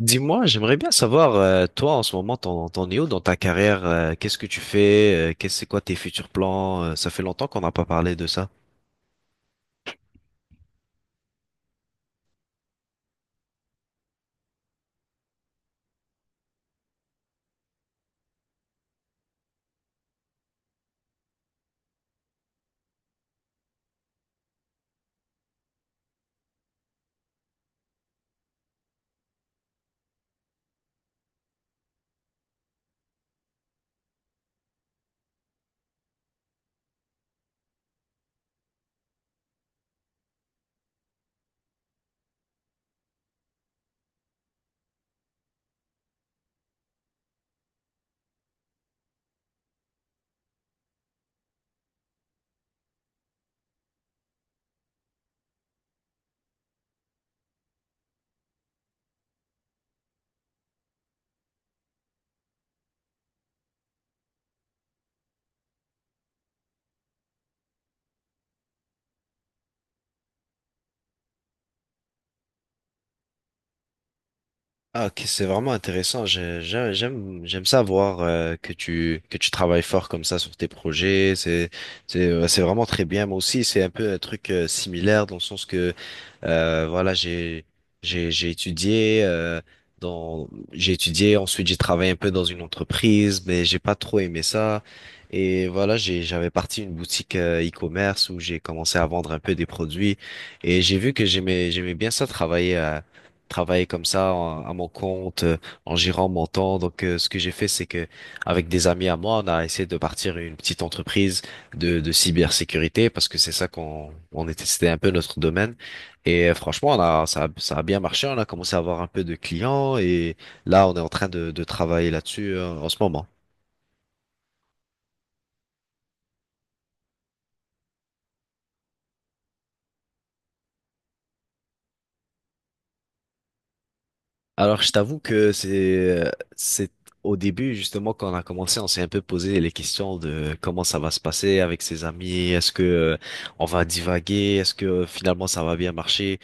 Dis-moi, j'aimerais bien savoir, toi en ce moment, t'en es où dans ta carrière? Qu'est-ce que tu fais? C'est quoi tes futurs plans? Ça fait longtemps qu'on n'a pas parlé de ça. Ah, ok, c'est vraiment intéressant. J'aime, j'aime ça voir que tu travailles fort comme ça sur tes projets. C'est vraiment très bien. Moi aussi, c'est un peu un truc similaire dans le sens que voilà, j'ai étudié dans j'ai étudié, ensuite j'ai travaillé un peu dans une entreprise, mais j'ai pas trop aimé ça. Et voilà, j'avais parti une boutique e-commerce où j'ai commencé à vendre un peu des produits et j'ai vu que j'aimais bien ça travailler comme ça à mon compte, en gérant mon temps. Donc, ce que j'ai fait, c'est que avec des amis à moi, on a essayé de partir une petite entreprise de cybersécurité parce que c'est ça qu'on on était, c'était un peu notre domaine. Et franchement, on a, ça, a- ça a bien marché. On a commencé à avoir un peu de clients et là, on est en train de travailler là-dessus en ce moment. Alors, je t'avoue que c'est au début justement quand on a commencé, on s'est un peu posé les questions de comment ça va se passer avec ses amis, est-ce que on va divaguer, est-ce que finalement ça va bien marcher.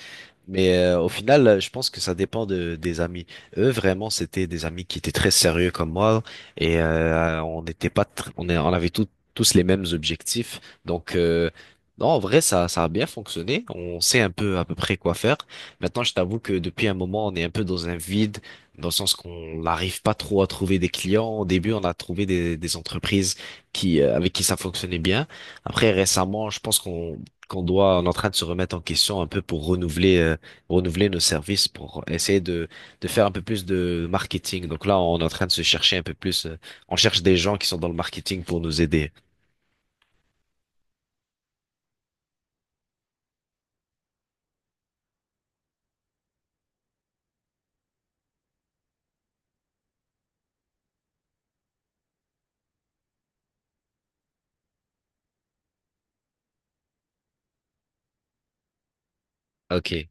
Mais au final, je pense que ça dépend des amis. Eux, vraiment, c'était des amis qui étaient très sérieux comme moi et on n'était pas, tr- on, est- on avait tous les mêmes objectifs. Donc non, en vrai, ça a bien fonctionné. On sait un peu à peu près quoi faire. Maintenant, je t'avoue que depuis un moment, on est un peu dans un vide, dans le sens qu'on n'arrive pas trop à trouver des clients. Au début, on a trouvé des entreprises qui, avec qui ça fonctionnait bien. Après, récemment, je pense qu'on qu'on doit, on est en train de se remettre en question un peu pour renouveler, renouveler nos services, pour essayer de faire un peu plus de marketing. Donc là, on est en train de se chercher un peu plus. On cherche des gens qui sont dans le marketing pour nous aider. Ok.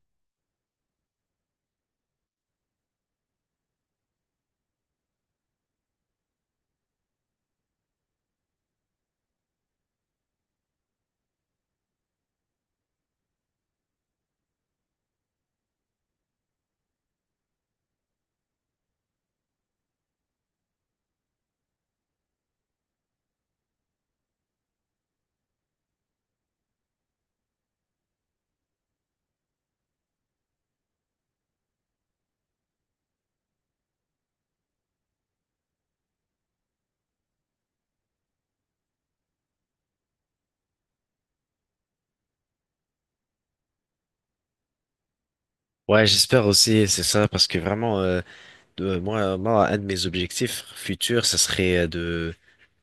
Ouais, j'espère aussi, c'est ça, parce que vraiment, moi, un de mes objectifs futurs, ça serait de,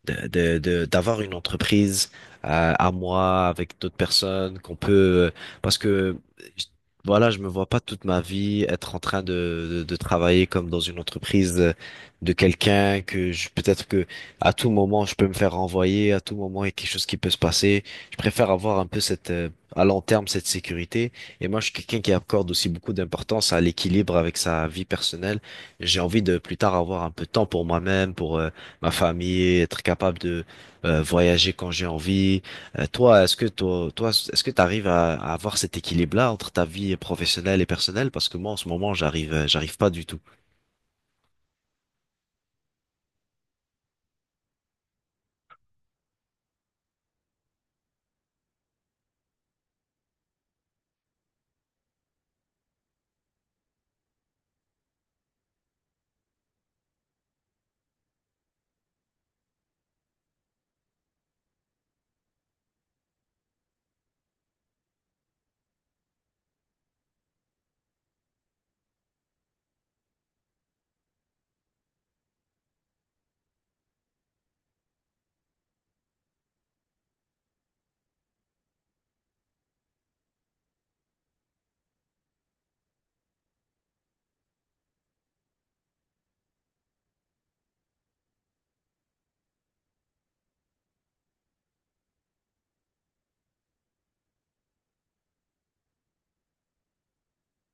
de, de, de- d'avoir une entreprise à moi avec d'autres personnes qu'on peut parce que je- voilà, je me vois pas toute ma vie être en train de travailler comme dans une entreprise de quelqu'un. Que je peut-être que À tout moment je peux me faire renvoyer, à tout moment il y a quelque chose qui peut se passer. Je préfère avoir un peu cette à long terme cette sécurité. Et moi je suis quelqu'un qui accorde aussi beaucoup d'importance à l'équilibre avec sa vie personnelle. J'ai envie de plus tard avoir un peu de temps pour moi-même, pour ma famille, être capable de voyager quand j'ai envie. Toi, est-ce que est-ce que tu arrives à avoir cet équilibre-là entre ta vie professionnelle et personnelle? Parce que moi, en ce moment, j'arrive pas du tout.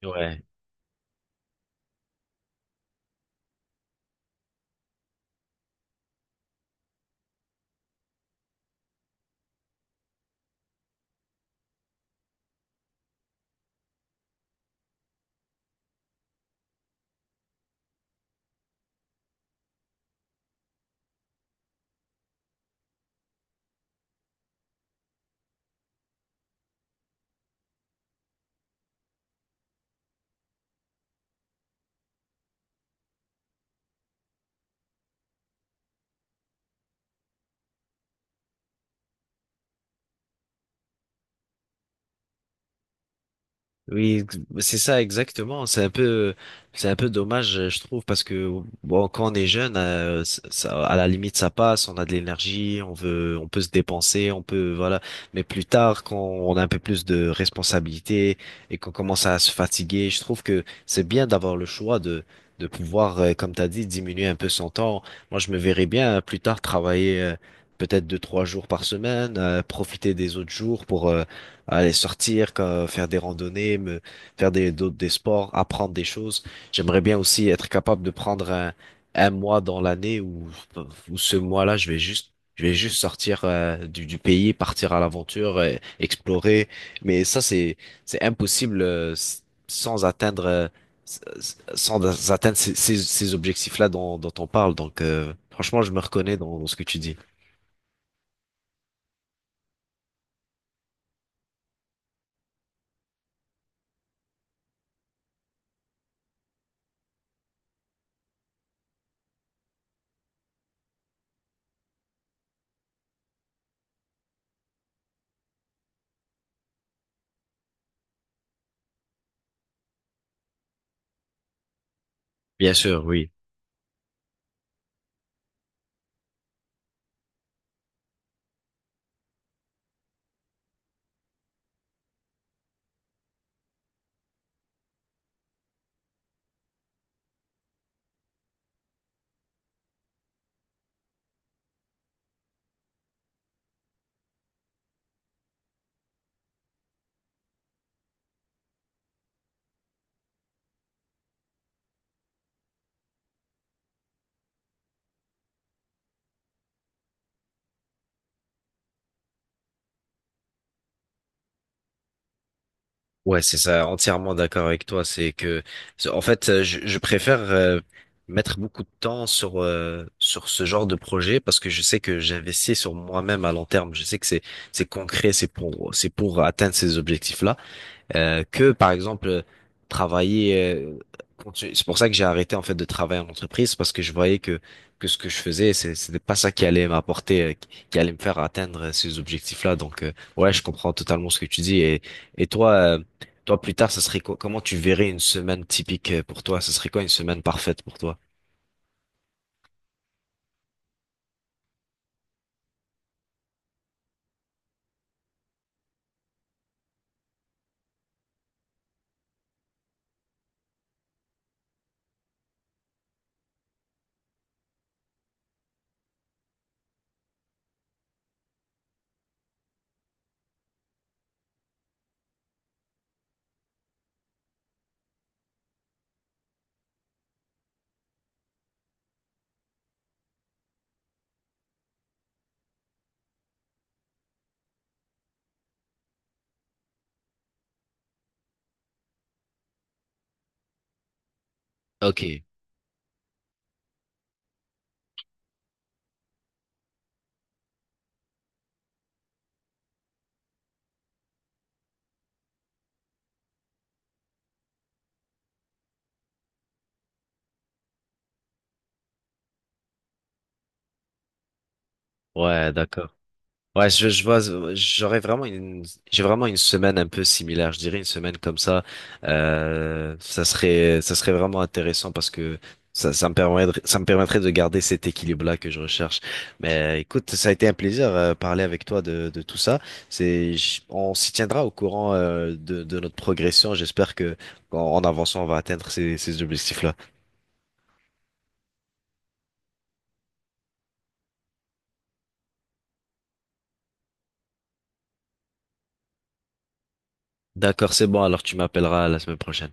Ouais. Bah, c'est ça exactement. C'est un peu dommage, je trouve, parce que bon, quand on est jeune, à la limite, ça passe. On a de l'énergie, on veut, on peut se dépenser, on peut, voilà. Mais plus tard, quand on a un peu plus de responsabilités et qu'on commence à se fatiguer, je trouve que c'est bien d'avoir le choix de pouvoir, comme t'as dit, diminuer un peu son temps. Moi, je me verrais bien plus tard travailler. Peut-être deux, trois jours par semaine, profiter des autres jours pour, aller sortir, quoi, faire des randonnées, faire des sports, apprendre des choses. J'aimerais bien aussi être capable de prendre un mois dans l'année où ce mois-là, je vais juste sortir du pays, partir à l'aventure, explorer. Mais ça, c'est impossible sans atteindre ces objectifs-là dont on parle. Donc, franchement, je me reconnais dans ce que tu dis. Bien sûr, oui. Ouais, c'est ça, entièrement d'accord avec toi. En fait, je préfère mettre beaucoup de temps sur sur ce genre de projet parce que je sais que j'investis sur moi-même à long terme. Je sais que c'est concret, c'est pour atteindre ces objectifs-là que par exemple travailler. euh, c'est pour ça que j'ai arrêté en fait de travailler en entreprise parce que je voyais que ce que je faisais, c'était pas ça qui allait m'apporter, qui allait me faire atteindre ces objectifs-là. Donc ouais, je comprends totalement ce que tu dis. Et toi, plus tard, comment tu verrais une semaine typique pour toi? Ce serait quoi une semaine parfaite pour toi? Ok, ouais, d'accord. Ouais, je vois, j'aurais vraiment une, j'ai vraiment une semaine un peu similaire. Je dirais une semaine comme ça. Ça serait vraiment intéressant parce que ça me permettrait de garder cet équilibre-là que je recherche. Mais écoute, ça a été un plaisir parler avec toi de tout ça. On s'y tiendra au courant de notre progression. J'espère que en avançant, on va atteindre ces objectifs-là. D'accord, c'est bon, alors tu m'appelleras la semaine prochaine.